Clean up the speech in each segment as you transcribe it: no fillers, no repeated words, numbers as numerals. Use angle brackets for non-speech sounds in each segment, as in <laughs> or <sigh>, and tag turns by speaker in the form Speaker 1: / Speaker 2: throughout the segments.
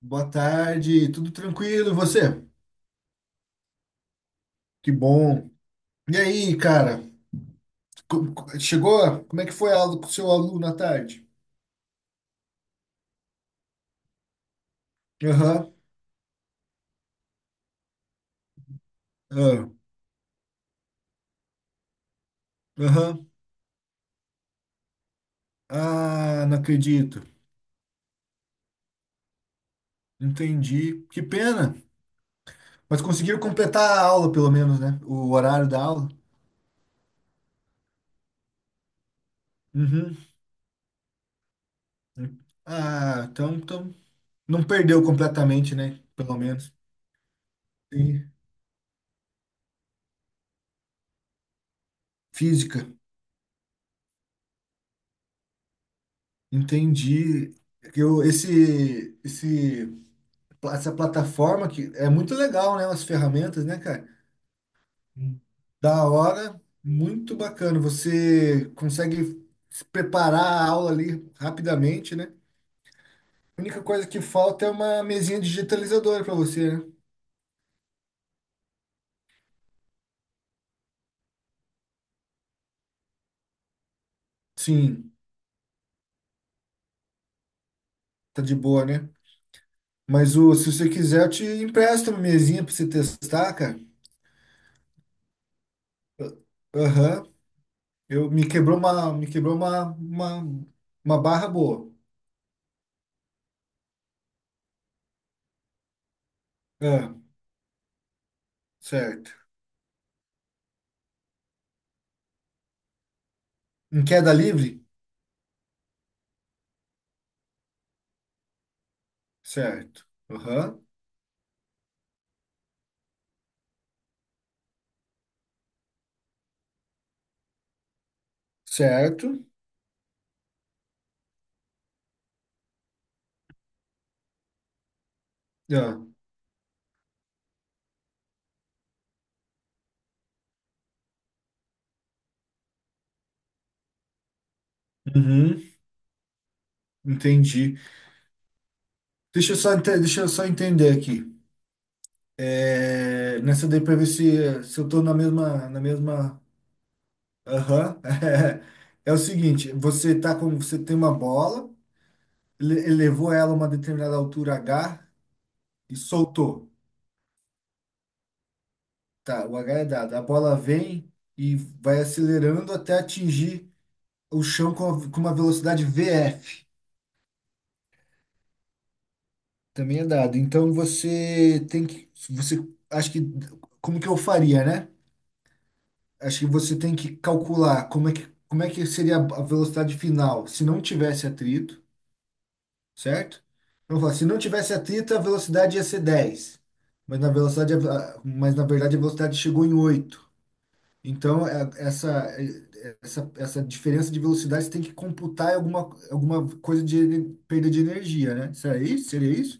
Speaker 1: Boa tarde, tudo tranquilo, e você? Que bom. E aí, cara? Chegou? Como é que foi a aula com o seu aluno à tarde? Aham, ah, aham. Ah, não acredito. Entendi. Que pena. Mas conseguiram completar a aula, pelo menos, né? O horário da aula. Uhum. Ah, então não perdeu completamente, né? Pelo menos. Sim. Física. Entendi. Eu, esse pla- essa plataforma que é muito legal, né? As ferramentas, né, cara? Hum. Da hora, muito bacana. Você consegue se preparar a aula ali rapidamente, né? A única coisa que falta é uma mesinha digitalizadora para você, né? Sim, tá de boa, né? Se você quiser, eu te empresto uma mesinha para você testar, cara. Aham. Eu me quebrou uma barra boa. Ah, certo. Em queda livre? Certo. Aham. Certo? Ah, uhum, entendi. Deixa eu só entender aqui. É, nessa daí, para ver se eu tô na mesma, na mesma. Aham. <laughs> É, o seguinte, você tem uma bola, ele elevou ela a uma determinada altura H e soltou. Tá, o H é dado. A bola vem e vai acelerando até atingir o chão com uma velocidade VF. Também é dado. Então, você tem que, você, acho que, como que eu faria, né? Acho que você tem que calcular como é que seria a velocidade final se não tivesse atrito, certo? Então, fala, se não tivesse atrito, a velocidade ia ser 10, mas na verdade a velocidade chegou em oito. Então, essa diferença de velocidade você tem que computar em alguma coisa de perda de energia, né? Será isso? Seria isso?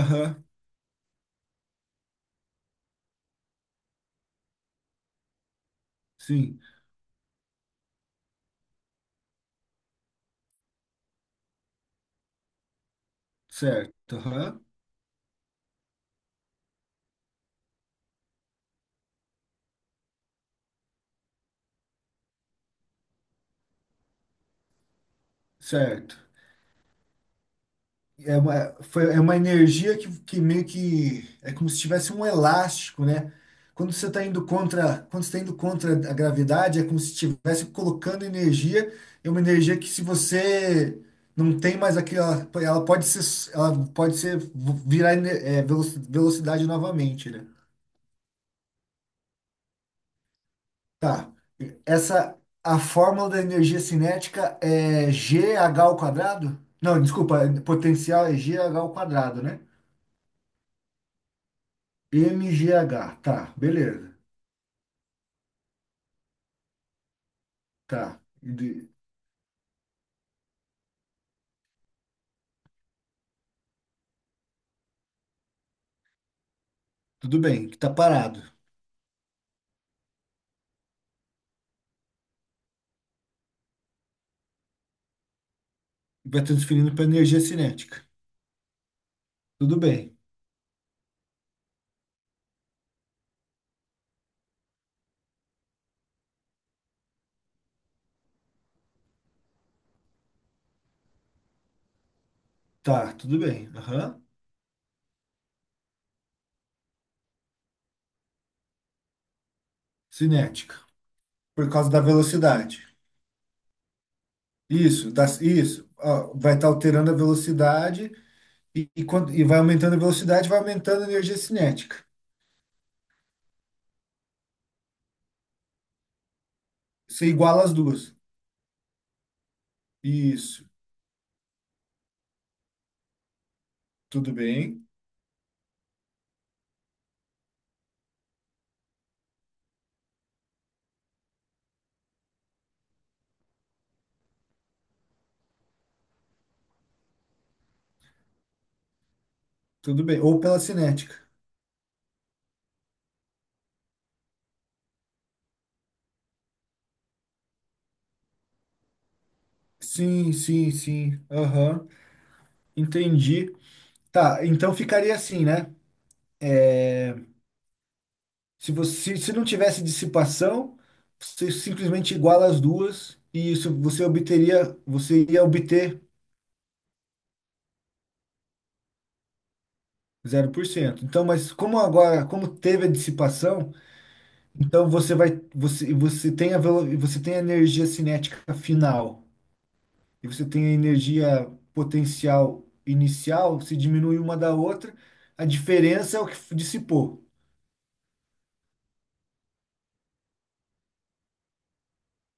Speaker 1: Aham. Sim. Certo, aham, certo. É uma energia que meio que é como se tivesse um elástico, né? Quando você tá indo contra a gravidade, é como se estivesse colocando energia. É uma energia que, se você não tem mais aquela, ela pode ser virar velocidade novamente, né? Tá. Essa, a fórmula da energia cinética é g h ao quadrado? Não, desculpa, potencial é g h ao quadrado, né? m g h, tá, beleza. Tá. Tudo bem, que tá parado. Vai transferindo para energia cinética. Tudo bem, tá, tudo bem. Aham. Cinética, por causa da velocidade. Isso, isso. Ó, vai estar alterando a velocidade e vai aumentando a velocidade, vai aumentando a energia cinética. Você iguala as duas. Isso, tudo bem, tudo bem. Ou pela cinética. Sim, sim, sim. Aham, entendi. Tá, então ficaria assim, né? Se não tivesse dissipação, você simplesmente iguala as duas e isso você ia obter 0%. Então, mas como teve a dissipação, então você tem a energia cinética final. E você tem a energia potencial inicial, se diminui uma da outra, a diferença é o que dissipou,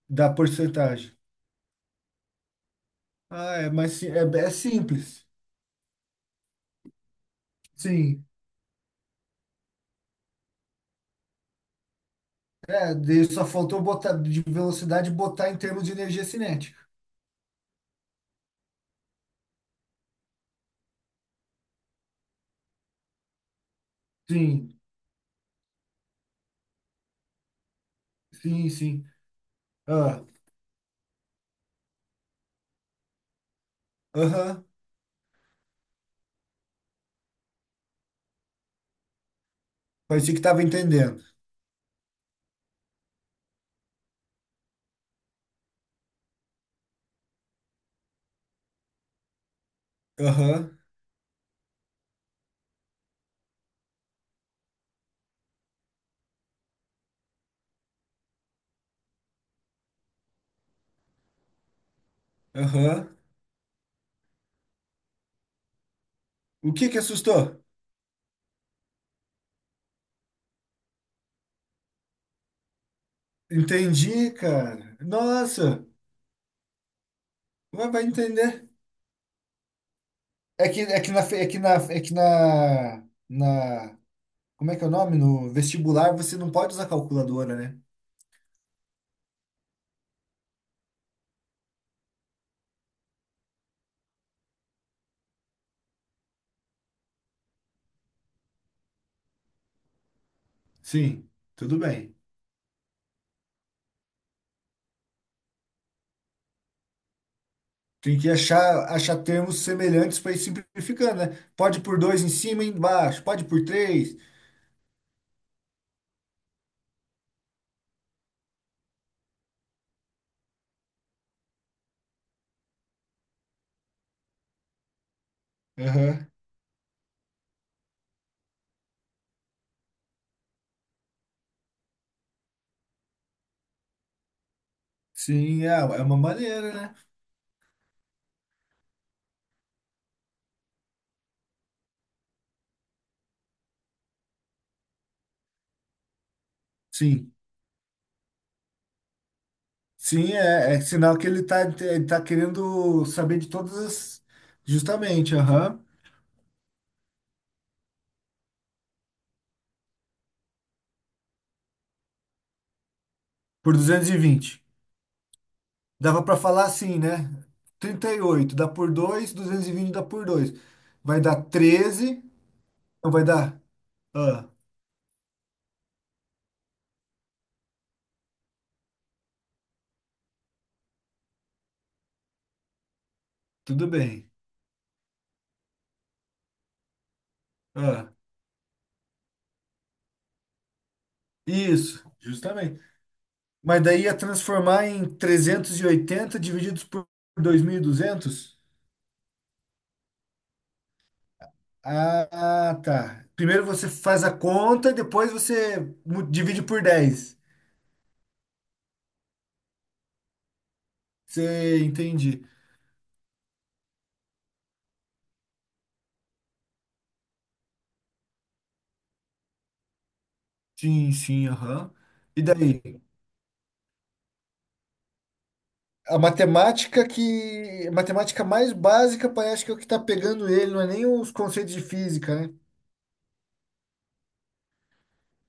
Speaker 1: da porcentagem. Ah, é, mas é simples. Sim. É, daí só faltou botar de velocidade, botar em termos de energia cinética. Sim, sim, sim. Ah, aham. Parecia que estava entendendo. Aham, aham. O que que assustou? Entendi, cara. Nossa, vai entender. É que, é que na, fe- é que na, é que na, na, como é que é o nome? No vestibular você não pode usar calculadora, né? Sim, tudo bem. Tem que achar termos semelhantes para ir simplificando, né? Pode por dois em cima e embaixo, pode por três. Aham. Sim, é uma maneira, né? Sim. Sim, é sinal que ele tá querendo saber de todas as, justamente, aham, por 220. Dava para falar assim, né? 38 dá por dois, 220 dá por dois. Vai dar 13, não vai dar? Ah, tudo bem. Ah, isso, justamente. Mas daí ia transformar em 380 divididos por 2.200? Ah, ah, tá. Primeiro você faz a conta e depois você divide por 10. Você entende? Sim, sim, aham. E daí? A matemática que. A matemática mais básica parece que é o que tá pegando ele, não é nem os conceitos de física, né?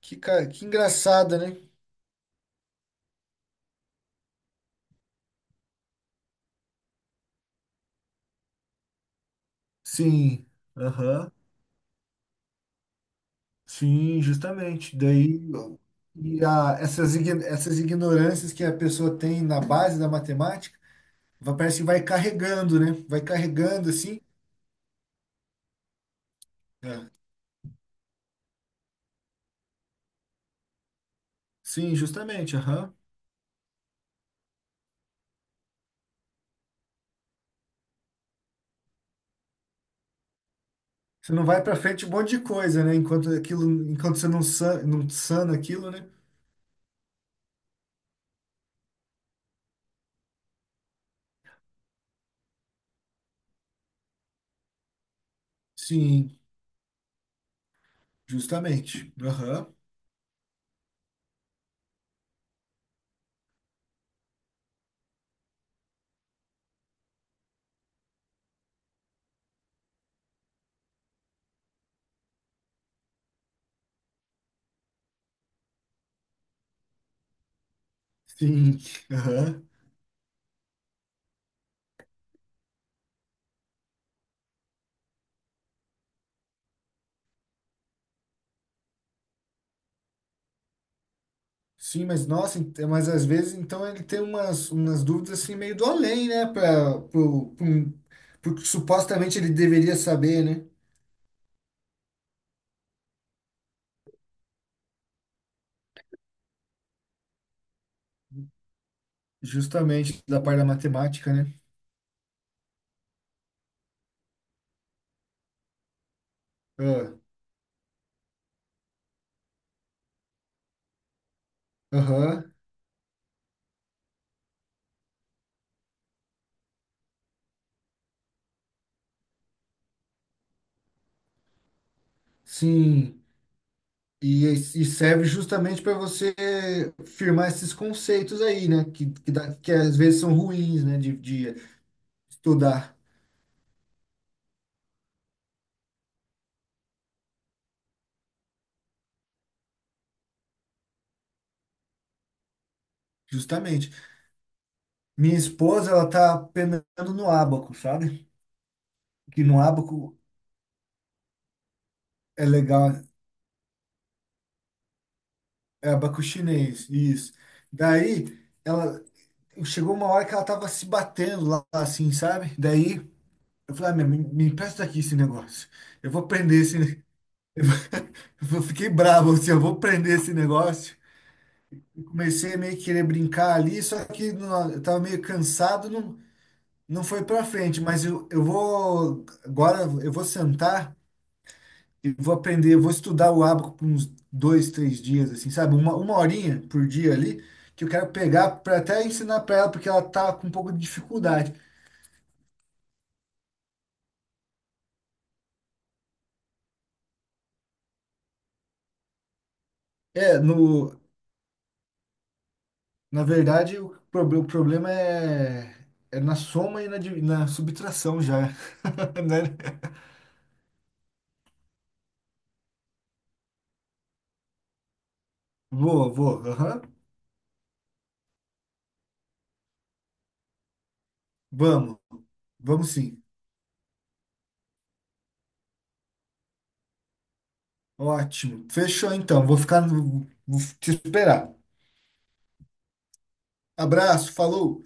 Speaker 1: Que engraçada, né? Sim. Aham. Sim, justamente. Daí. Essas ignorâncias que a pessoa tem na base da matemática, parece que vai carregando, né? Vai carregando assim. É. Sim, justamente. Aham. Você não vai pra frente um monte de coisa, né? Enquanto você não sana aquilo, né? Sim. Justamente. Aham. Sim. Aham. Sim, mas nossa, mas às vezes então ele tem umas dúvidas assim meio do além, né? Porque supostamente ele deveria saber, né? Justamente da parte da matemática, né? Ah. Aham. Sim. E serve justamente para você firmar esses conceitos aí, né? Que às vezes são ruins, né? De estudar. Justamente. Minha esposa, ela tá penando no ábaco, sabe? Que no ábaco é legal, é ábaco chinês, isso. Daí ela chegou uma hora que ela tava se batendo lá, assim, sabe? Daí eu falei, ah, me empresta aqui esse negócio. Eu vou prender esse. <laughs> Eu fiquei bravo, assim, eu vou prender esse negócio. E comecei a meio que querer brincar ali, só que eu tava meio cansado, não foi pra frente, mas eu vou, agora eu vou sentar. E vou aprender, vou estudar o ábaco por uns dois, três dias, assim, sabe? Uma horinha por dia ali, que eu quero pegar para até ensinar para ela, porque ela tá com um pouco de dificuldade. É, no, na verdade, o problema é, é na, soma e na subtração já, <laughs> né? Vou, vou, aham. Vamos, vamos sim. Ótimo. Fechou então, vou ficar, vou te esperar. Abraço, falou!